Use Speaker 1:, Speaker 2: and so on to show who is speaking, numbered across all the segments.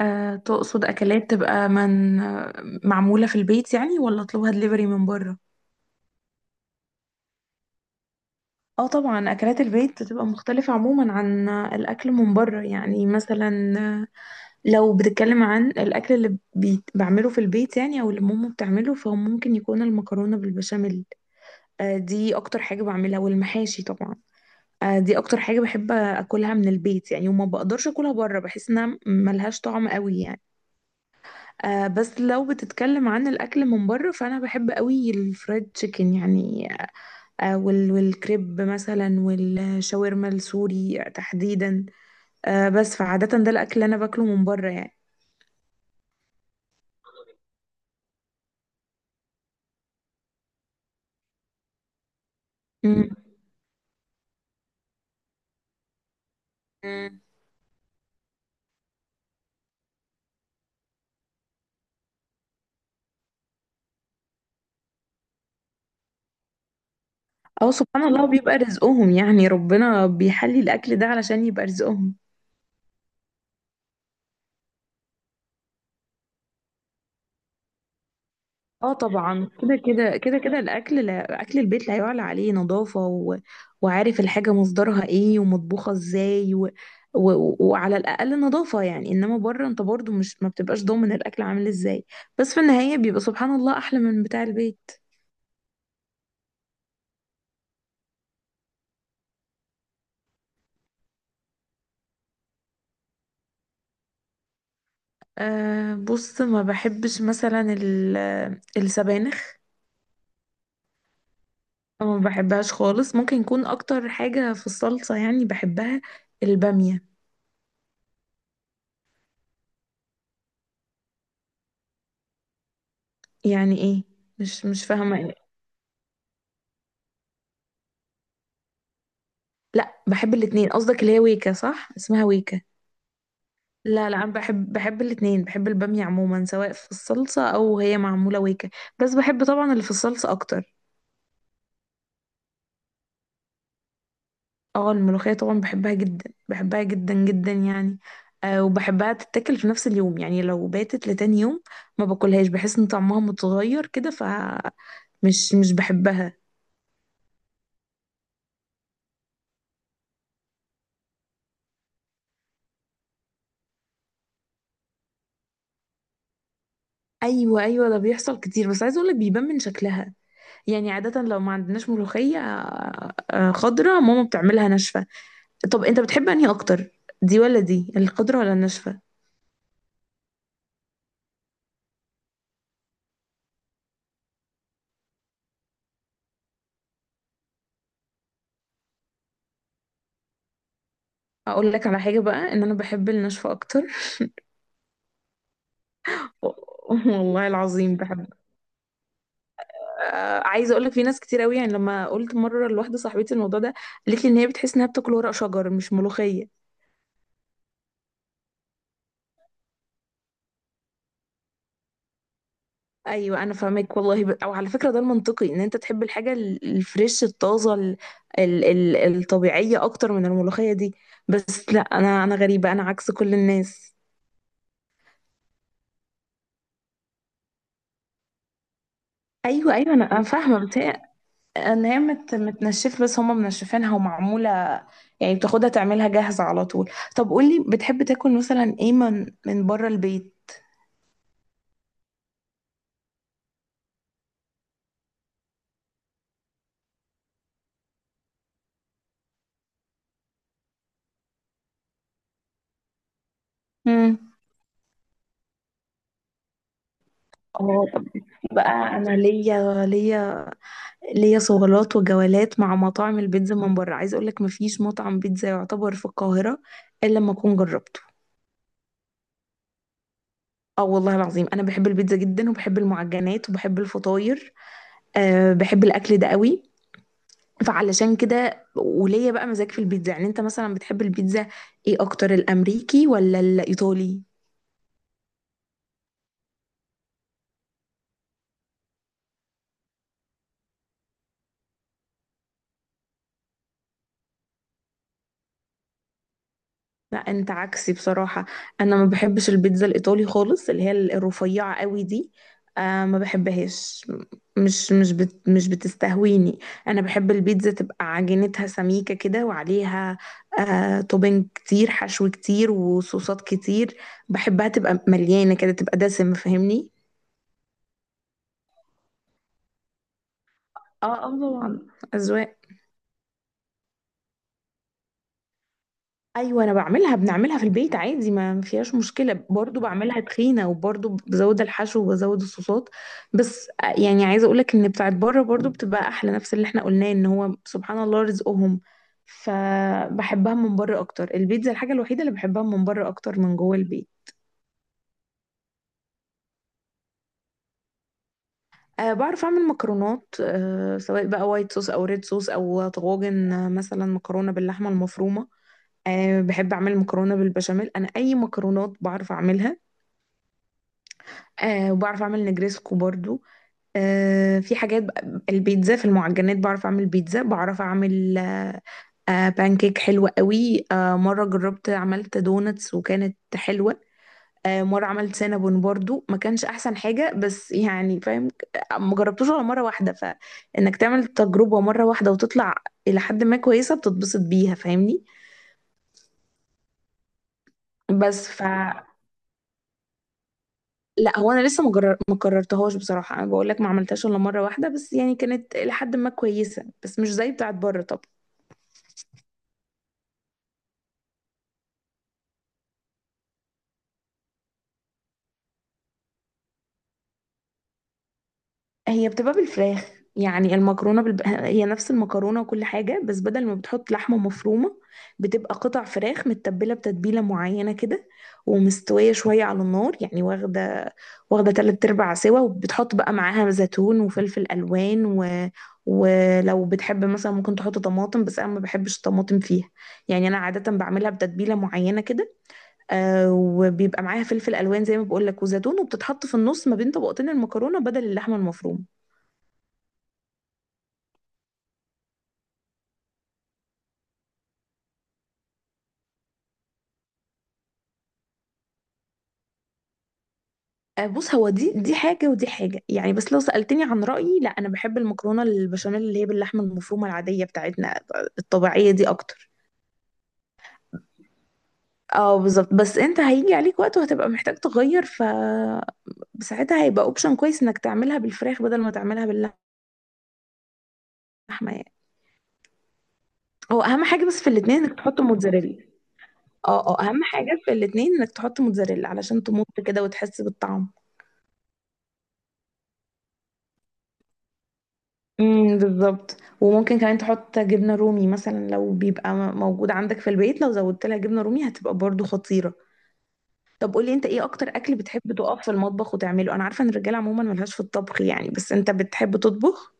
Speaker 1: تقصد أكلات تبقى من معمولة في البيت يعني ولا أطلبها دليفري من بره؟ اه طبعا، أكلات البيت بتبقى مختلفة عموما عن الأكل من بره، يعني مثلا آه، لو بتتكلم عن الأكل اللي بعمله في البيت يعني أو اللي ماما بتعمله، فهو ممكن يكون المكرونة بالبشاميل. دي أكتر حاجة بعملها، والمحاشي طبعا. دي أكتر حاجة بحب أكلها من البيت يعني، وما بقدرش أكلها بره، بحس إنها ملهاش طعم قوي يعني. بس لو بتتكلم عن الاكل من بره، فانا بحب قوي الفرايد تشيكن يعني. والكريب مثلا، والشاورما السوري تحديدا. بس فعاده، ده الاكل اللي انا باكله من بره يعني. مم. مم. اه، سبحان الله بيبقى رزقهم، يعني ربنا بيحلي الاكل ده علشان يبقى رزقهم. اه طبعا، كده كده كده كده الاكل، لا اكل البيت لا يعلى عليه نظافه، وعارف الحاجه مصدرها ايه ومطبوخه ازاي، وعلى الاقل نظافه يعني، انما بره انت برضو مش ما بتبقاش ضامن الاكل عامل ازاي، بس في النهايه بيبقى سبحان الله احلى من بتاع البيت. بص، ما بحبش مثلا السبانخ. ما بحبهاش خالص، ممكن يكون اكتر حاجه في الصلصه يعني بحبها. الباميه. يعني ايه؟ مش فاهمه. لا بحب الاتنين، قصدك اللي هي ويكا؟ صح، اسمها ويكا. لا، لا، انا بحب الاتنين، بحب البامية عموما سواء في الصلصة او هي معمولة ويكا. بس بحب طبعا اللي في الصلصة اكتر. اه، الملوخية طبعا بحبها جدا، بحبها جدا جدا يعني. وبحبها تتاكل في نفس اليوم، يعني لو باتت لتاني يوم ما باكلهاش، بحس ان طعمها متغير كده، ف مش بحبها. ايوه، ايوه، ده بيحصل كتير، بس عايزه اقولك بيبان من شكلها. يعني عاده لو ما عندناش ملوخيه خضره، ماما بتعملها ناشفه. طب انت بتحب انهي اكتر، دي ولا دي؟ الخضرة ولا الناشفة؟ اقول لك على حاجة بقى، ان انا بحب الناشفة اكتر. والله العظيم بحب. عايزة اقول لك في ناس كتير قوي، يعني لما قلت مرة لواحدة صاحبتي الموضوع ده، قالت لي ان هي بتحس انها بتاكل ورق شجر مش ملوخية. ايوه انا فاهمك، والله او على فكرة ده المنطقي ان انت تحب الحاجة الفريش الطازة الطبيعية اكتر من الملوخية دي. بس لا، انا غريبة، انا عكس كل الناس. ايوه، ايوه، انا فاهمه، بس ان هي متنشف، بس هما منشفينها ومعموله، يعني بتاخدها تعملها جاهزه على طول. طب قولي، بتحب تاكل مثلا ايه من بره البيت؟ مم. اه طب بقى، انا ليا صولات وجولات مع مطاعم البيتزا من بره. عايز اقول لك مفيش مطعم بيتزا يعتبر في القاهره الا لما اكون جربته. اه والله العظيم، انا بحب البيتزا جدا وبحب المعجنات وبحب الفطاير. بحب الاكل ده قوي. فعلشان كده، وليا بقى مزاج في البيتزا. يعني انت مثلا بتحب البيتزا ايه اكتر، الامريكي ولا الايطالي؟ لا انت عكسي بصراحة، انا ما بحبش البيتزا الايطالي خالص، اللي هي الرفيعة قوي دي. ما بحبهاش، مش بتستهويني. انا بحب البيتزا تبقى عجينتها سميكة كده، وعليها توبينج كتير، حشو كتير، وصوصات كتير. بحبها تبقى مليانة كده، تبقى دسمة فاهمني. اه، اه، طبعا اذواق. ايوه، انا بنعملها في البيت عادي، ما فيهاش مشكله، برضو بعملها تخينه وبرضو بزود الحشو وبزود الصوصات. بس يعني عايزه اقولك ان بتاعت بره برضو بتبقى احلى، نفس اللي احنا قلناه ان هو سبحان الله رزقهم. فبحبها من بره اكتر، البيتزا الحاجه الوحيده اللي بحبها من بره اكتر من جوه البيت. بعرف اعمل مكرونات، سواء بقى وايت صوص او ريد صوص او طواجن، مثلا مكرونه باللحمه المفرومه. بحب اعمل مكرونه بالبشاميل، انا اي مكرونات بعرف اعملها. وبعرف اعمل نجريسكو برضو. في حاجات البيتزا، في المعجنات بعرف اعمل بيتزا، بعرف اعمل بانكيك حلوة قوي. مرة جربت عملت دونتس وكانت حلوة. مرة عملت سينابون برضو، ما كانش احسن حاجة بس يعني فاهم. ما جربتوش غير مرة واحدة، فانك تعمل تجربة مرة واحدة وتطلع الى حد ما كويسة بتتبسط بيها فاهمني. بس لا هو انا لسه ما قررتهاش بصراحه، انا بقول لك ما عملتهاش الا مره واحده، بس يعني كانت لحد ما كويسه، بس مش زي بتاعت بره طبعا. هي بتبقى بالفراخ، يعني المكرونة هي نفس المكرونة وكل حاجة، بس بدل ما بتحط لحمة مفرومة، بتبقى قطع فراخ متبلة بتتبيلة معينة كده، ومستوية شوية على النار، يعني واخدة تلات أرباع سوا، وبتحط بقى معاها زيتون وفلفل ألوان ولو بتحب مثلا ممكن تحط طماطم، بس أنا ما بحبش الطماطم فيها. يعني أنا عادة بعملها بتتبيلة معينة كده، وبيبقى معاها فلفل ألوان زي ما بقول لك وزيتون، وبتتحط في النص ما بين طبقتين المكرونة بدل اللحمة المفرومة. بص هو دي حاجة ودي حاجة يعني، بس لو سألتني عن رأيي، لا أنا بحب المكرونة البشاميل اللي هي باللحمة المفرومة العادية بتاعتنا الطبيعية دي أكتر. اه بالظبط، بس انت هيجي عليك وقت وهتبقى محتاج تغير، ف ساعتها هيبقى اوبشن كويس انك تعملها بالفراخ بدل ما تعملها باللحمة. يعني هو اهم حاجة بس في الاتنين انك تحط موتزاريلا. اه، اه، اهم حاجة في الاتنين انك تحط موتزاريلا علشان تمط كده وتحس بالطعم. بالظبط، وممكن كمان تحط جبنة رومي مثلا لو بيبقى موجود عندك في البيت، لو زودت لها جبنة رومي هتبقى برضو خطيرة. طب قولي، انت ايه اكتر اكل بتحب تقف في المطبخ وتعمله؟ انا عارفة ان الرجالة عموما ملهاش في الطبخ يعني، بس انت بتحب تطبخ؟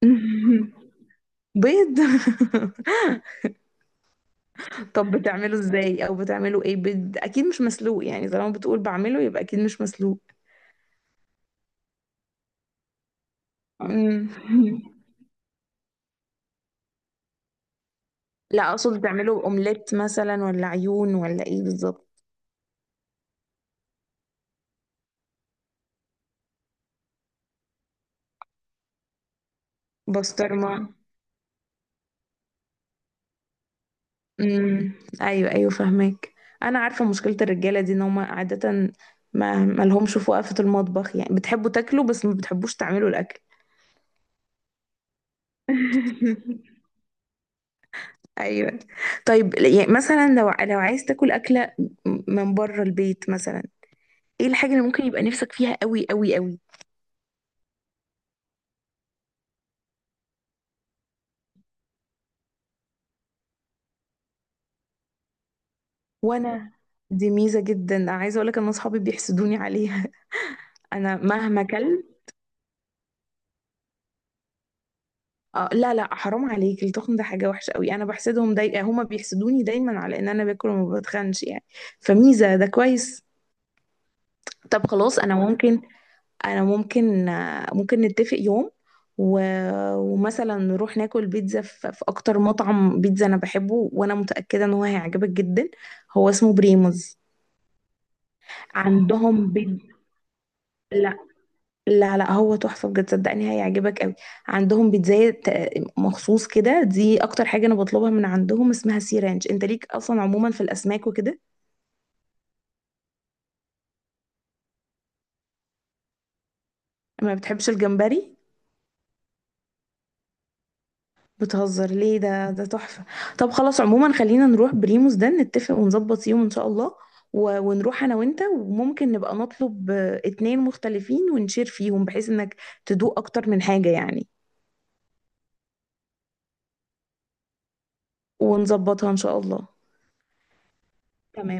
Speaker 1: بيض. طب بتعمله ازاي، او بتعمله ايه؟ بيض اكيد مش مسلوق، يعني طالما بتقول بعمله يبقى اكيد مش مسلوق. مم. لا، اقصد بتعمله اومليت مثلا ولا عيون ولا ايه بالظبط؟ بسطرمة. امم، ايوه، ايوه، فاهمك. انا عارفه مشكله الرجاله دي، ان هم عاده ما لهمش في وقفه المطبخ، يعني بتحبوا تاكلوا بس ما بتحبوش تعملوا الاكل. ايوه. طيب يعني مثلا، لو عايز تاكل اكله من بره البيت مثلا، ايه الحاجه اللي ممكن يبقى نفسك فيها قوي قوي قوي؟ وانا، دي ميزه جدا، عايزه اقول لك ان اصحابي بيحسدوني عليها. انا مهما اكلت. آه، لا، لا، حرام عليك، التخن ده حاجة وحشة قوي، أنا بحسدهم هما بيحسدوني دايما على إن أنا باكل وما بتخنش يعني. فميزة ده كويس. طب خلاص، أنا ممكن أنا ممكن آه، ممكن نتفق يوم، و... ومثلا نروح ناكل بيتزا في أكتر مطعم بيتزا أنا بحبه، وأنا متأكدة إن هو هيعجبك جدا. هو اسمه بريموز. عندهم بيتزا. لا، لا، هو تحفة بجد، صدقني هيعجبك قوي. عندهم بيتزاية مخصوص كده، دي اكتر حاجة انا بطلبها من عندهم، اسمها سي رانش. انت ليك اصلا عموما في الاسماك وكده؟ ما بتحبش الجمبري؟ بتهزر ليه؟ ده تحفة. طب خلاص، عموما خلينا نروح بريموس ده، نتفق ونظبط يوم ان شاء الله، ونروح انا وانت، وممكن نبقى نطلب اتنين مختلفين ونشير فيهم بحيث انك تدوق اكتر من حاجة يعني. ونظبطها ان شاء الله. تمام.